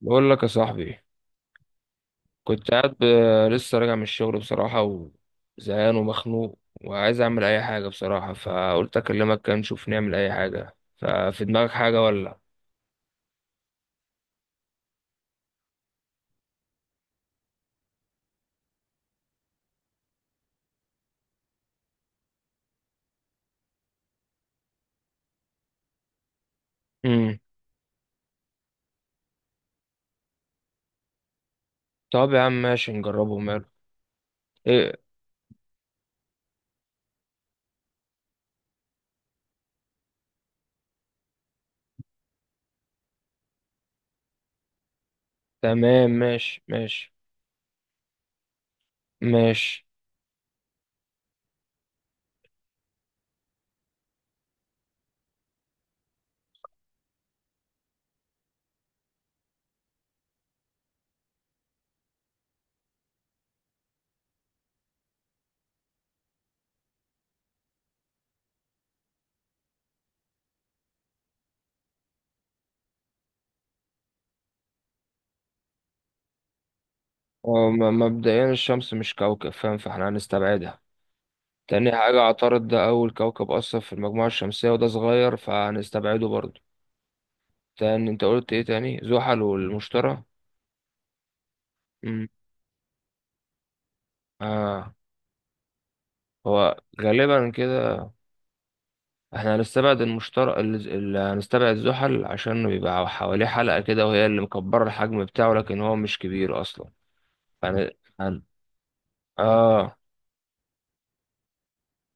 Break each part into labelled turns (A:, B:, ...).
A: بقول لك يا صاحبي، كنت قاعد ب... لسه راجع من الشغل بصراحة، وزهقان ومخنوق، وعايز أعمل أي حاجة بصراحة، فقلت أكلمك كده نشوف نعمل أي حاجة. ففي دماغك حاجة ولا؟ امم طب يا عم ماشي، نجربه ماله. إيه؟ تمام، ماشي ماشي. هو مبدئيا الشمس مش كوكب، فاهم؟ فاحنا هنستبعدها. تاني حاجة، عطارد ده أول كوكب أصلا في المجموعة الشمسية، وده صغير فهنستبعده برضه. تاني، أنت قلت إيه تاني؟ زحل والمشتري. امم آه، هو غالبا كده. احنا هنستبعد المشترك، اللي هنستبعد زحل عشان بيبقى حواليه حلقة كده، وهي اللي مكبرة الحجم بتاعه، لكن هو مش كبير اصلا. فانا هن... اه،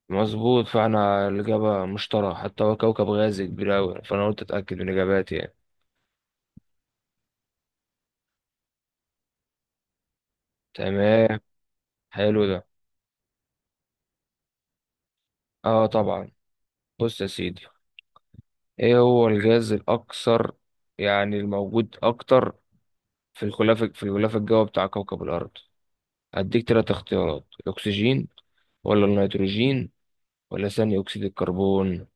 A: مظبوط. فاحنا الإجابة مشترى، حتى هو كوكب غازي كبير أوي، فأنا قلت أتأكد من إجاباتي يعني. تمام. حلو ده. اه طبعا. بص يا سيدي، ايه هو الغاز الأكثر، يعني الموجود أكتر، في الغلاف الجوي بتاع كوكب الأرض؟ هديك تلات اختيارات: الأكسجين، ولا النيتروجين، ولا ثاني أكسيد الكربون؟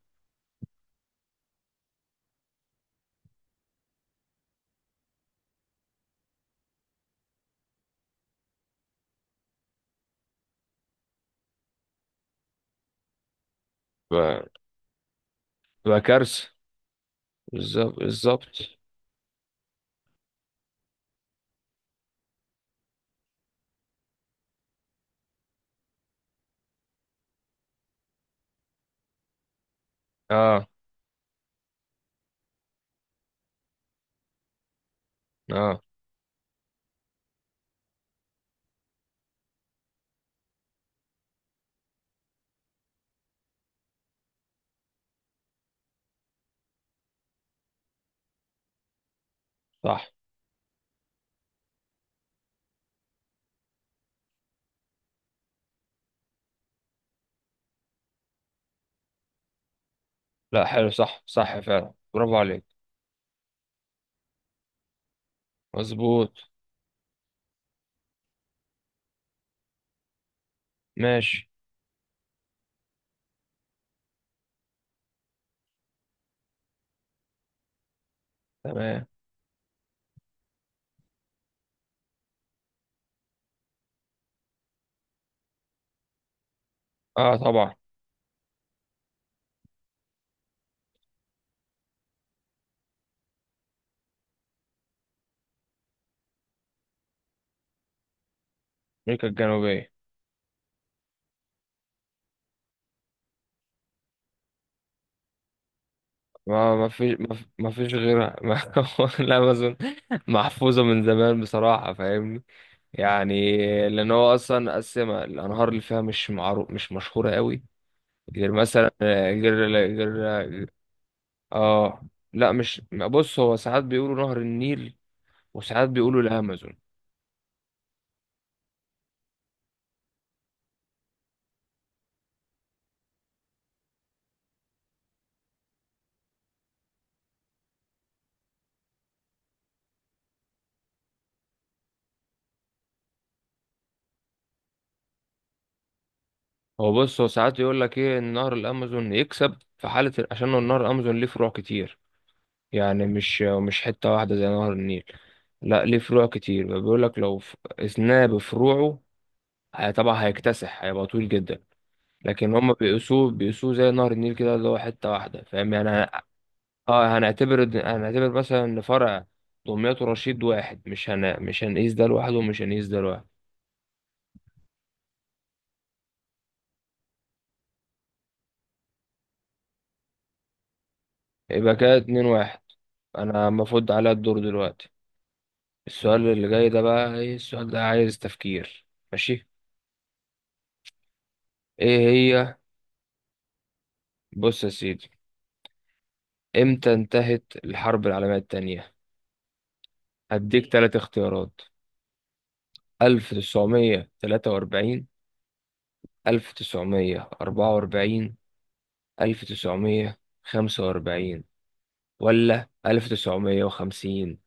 A: ف- تبقى كارثة. بالظبط، بالظبط. اه، اه، صح. لا حلو، صح صح فعلا، برافو عليك. مظبوط. ماشي. تمام. اه طبعا. أمريكا الجنوبية. ما فيش غيرها. ما، لا ما أظن. محفوظة من زمان بصراحة، فاهمني يعني. لأن هو أصلا قسمها، الأنهار اللي فيها مش معروف، مش مشهورة قوي غير مثلا، غير، غير، اه، لا مش، بص هو ساعات بيقولوا نهر النيل، وساعات بيقولوا الامازون. هو بص، هو ساعات يقول لك ايه، ان نهر الامازون يكسب في حاله عشان نهر الامازون ليه فروع كتير. يعني مش حته واحده زي نهر النيل. لا ليه فروع كتير، بيقول لك لو اثناه بفروعه طبعا هيكتسح، هيبقى طويل جدا. لكن هم بيقيسوه زي نهر النيل كده، اللي هو حته واحده، فاهم يعني اه. هنعتبر مثلا ان فرع دمياط ورشيد واحد، مش هن... مش هنقيس ده لوحده، ومش هنقيس ده لوحده. يبقى كده اتنين واحد. انا المفروض عليا الدور دلوقتي. السؤال اللي جاي ده بقى، ايه السؤال ده، عايز تفكير. ماشي. ايه هي، بص يا سيدي، امتى انتهت الحرب العالمية التانية؟ هديك تلات اختيارات: ألف تسعمية تلاتة وأربعين، ألف تسعمية أربعة وأربعين، ألف تسعمية خمسة وأربعين، ولا ألف تسعمية وخمسين؟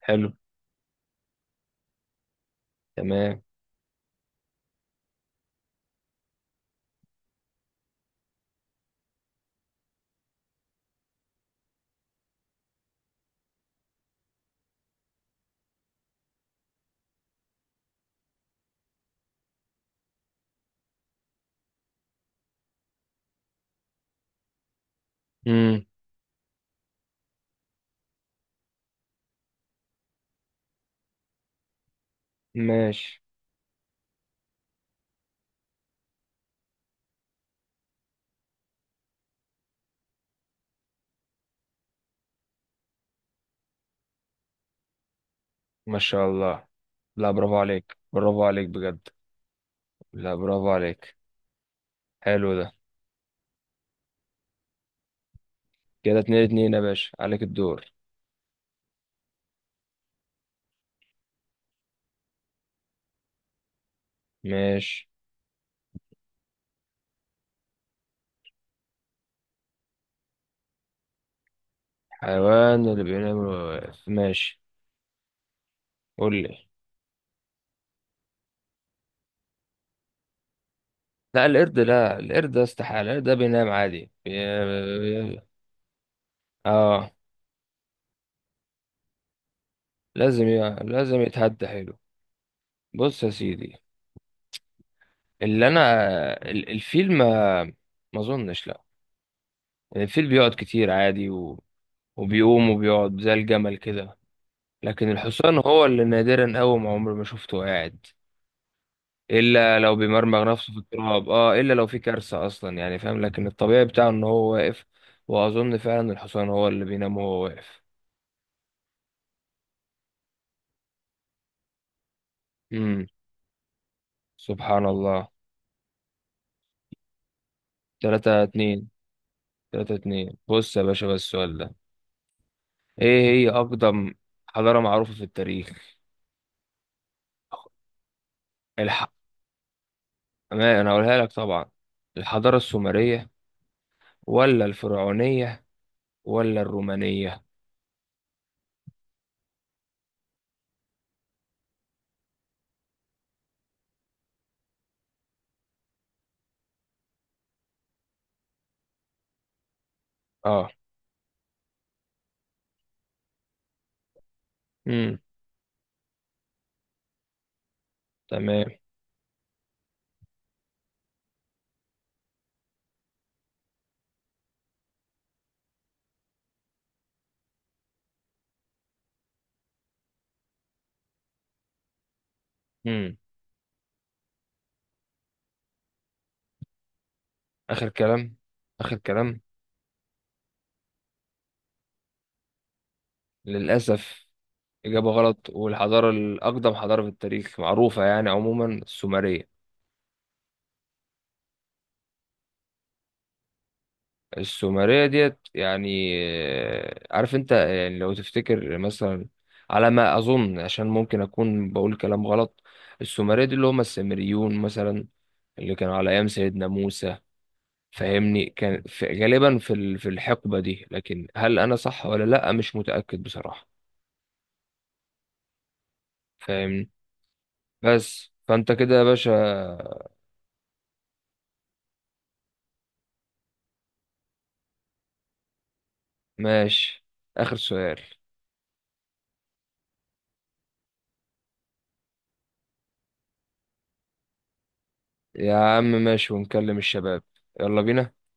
A: حلو. تمام. مم. ماشي. ما شاء الله، لا برافو عليك، برافو عليك بجد. لا برافو عليك. حلو ده. كده اتنين اتنين يا باشا، عليك الدور. ماشي. حيوان اللي بينام واقف، ماشي قول لي. لا القرد، لا القرد ده استحالة، القرد ده بينام عادي، بي... بي- اه، لازم ي... لازم يتهدى، حلو. بص يا سيدي، اللي انا، الفيل ما، ما اظنش، لا. الفيل بيقعد كتير عادي و... وبيقوم وبيقعد زي الجمل كده. لكن الحصان هو اللي نادرا قوي، ما عمري ما شفته قاعد، الا لو بيمرمغ نفسه في التراب، اه الا لو في كارثه اصلا يعني، فاهم؟ لكن الطبيعي بتاعه ان هو واقف. واظن فعلا الحصان هو اللي بينام وهو واقف. امم سبحان الله. 3 2. بص يا باشا، بس السؤال ده، ايه هي اقدم حضاره معروفه في التاريخ؟ الح... ما انا هقولها لك طبعا: الحضاره السومريه، ولا الفرعونيه، ولا الرومانيه؟ اه. امم تمام. امم اخر كلام، اخر كلام. للاسف إجابة غلط، والحضارة الأقدم حضارة في التاريخ معروفة يعني عموما السومرية. السومرية ديت يعني، عارف أنت، يعني لو تفتكر مثلا، على ما أظن، عشان ممكن أكون بقول كلام غلط. السومرية دي اللي هم السامريون مثلا، اللي كانوا على أيام سيدنا موسى، فاهمني؟ كان في غالبا في في الحقبة دي، لكن هل أنا صح ولا لأ، مش متأكد بصراحة، فاهمني؟ بس فأنت كده يا باشا. ماشي، آخر سؤال. يا عم ماشي، ونكلم الشباب. يلا بينا.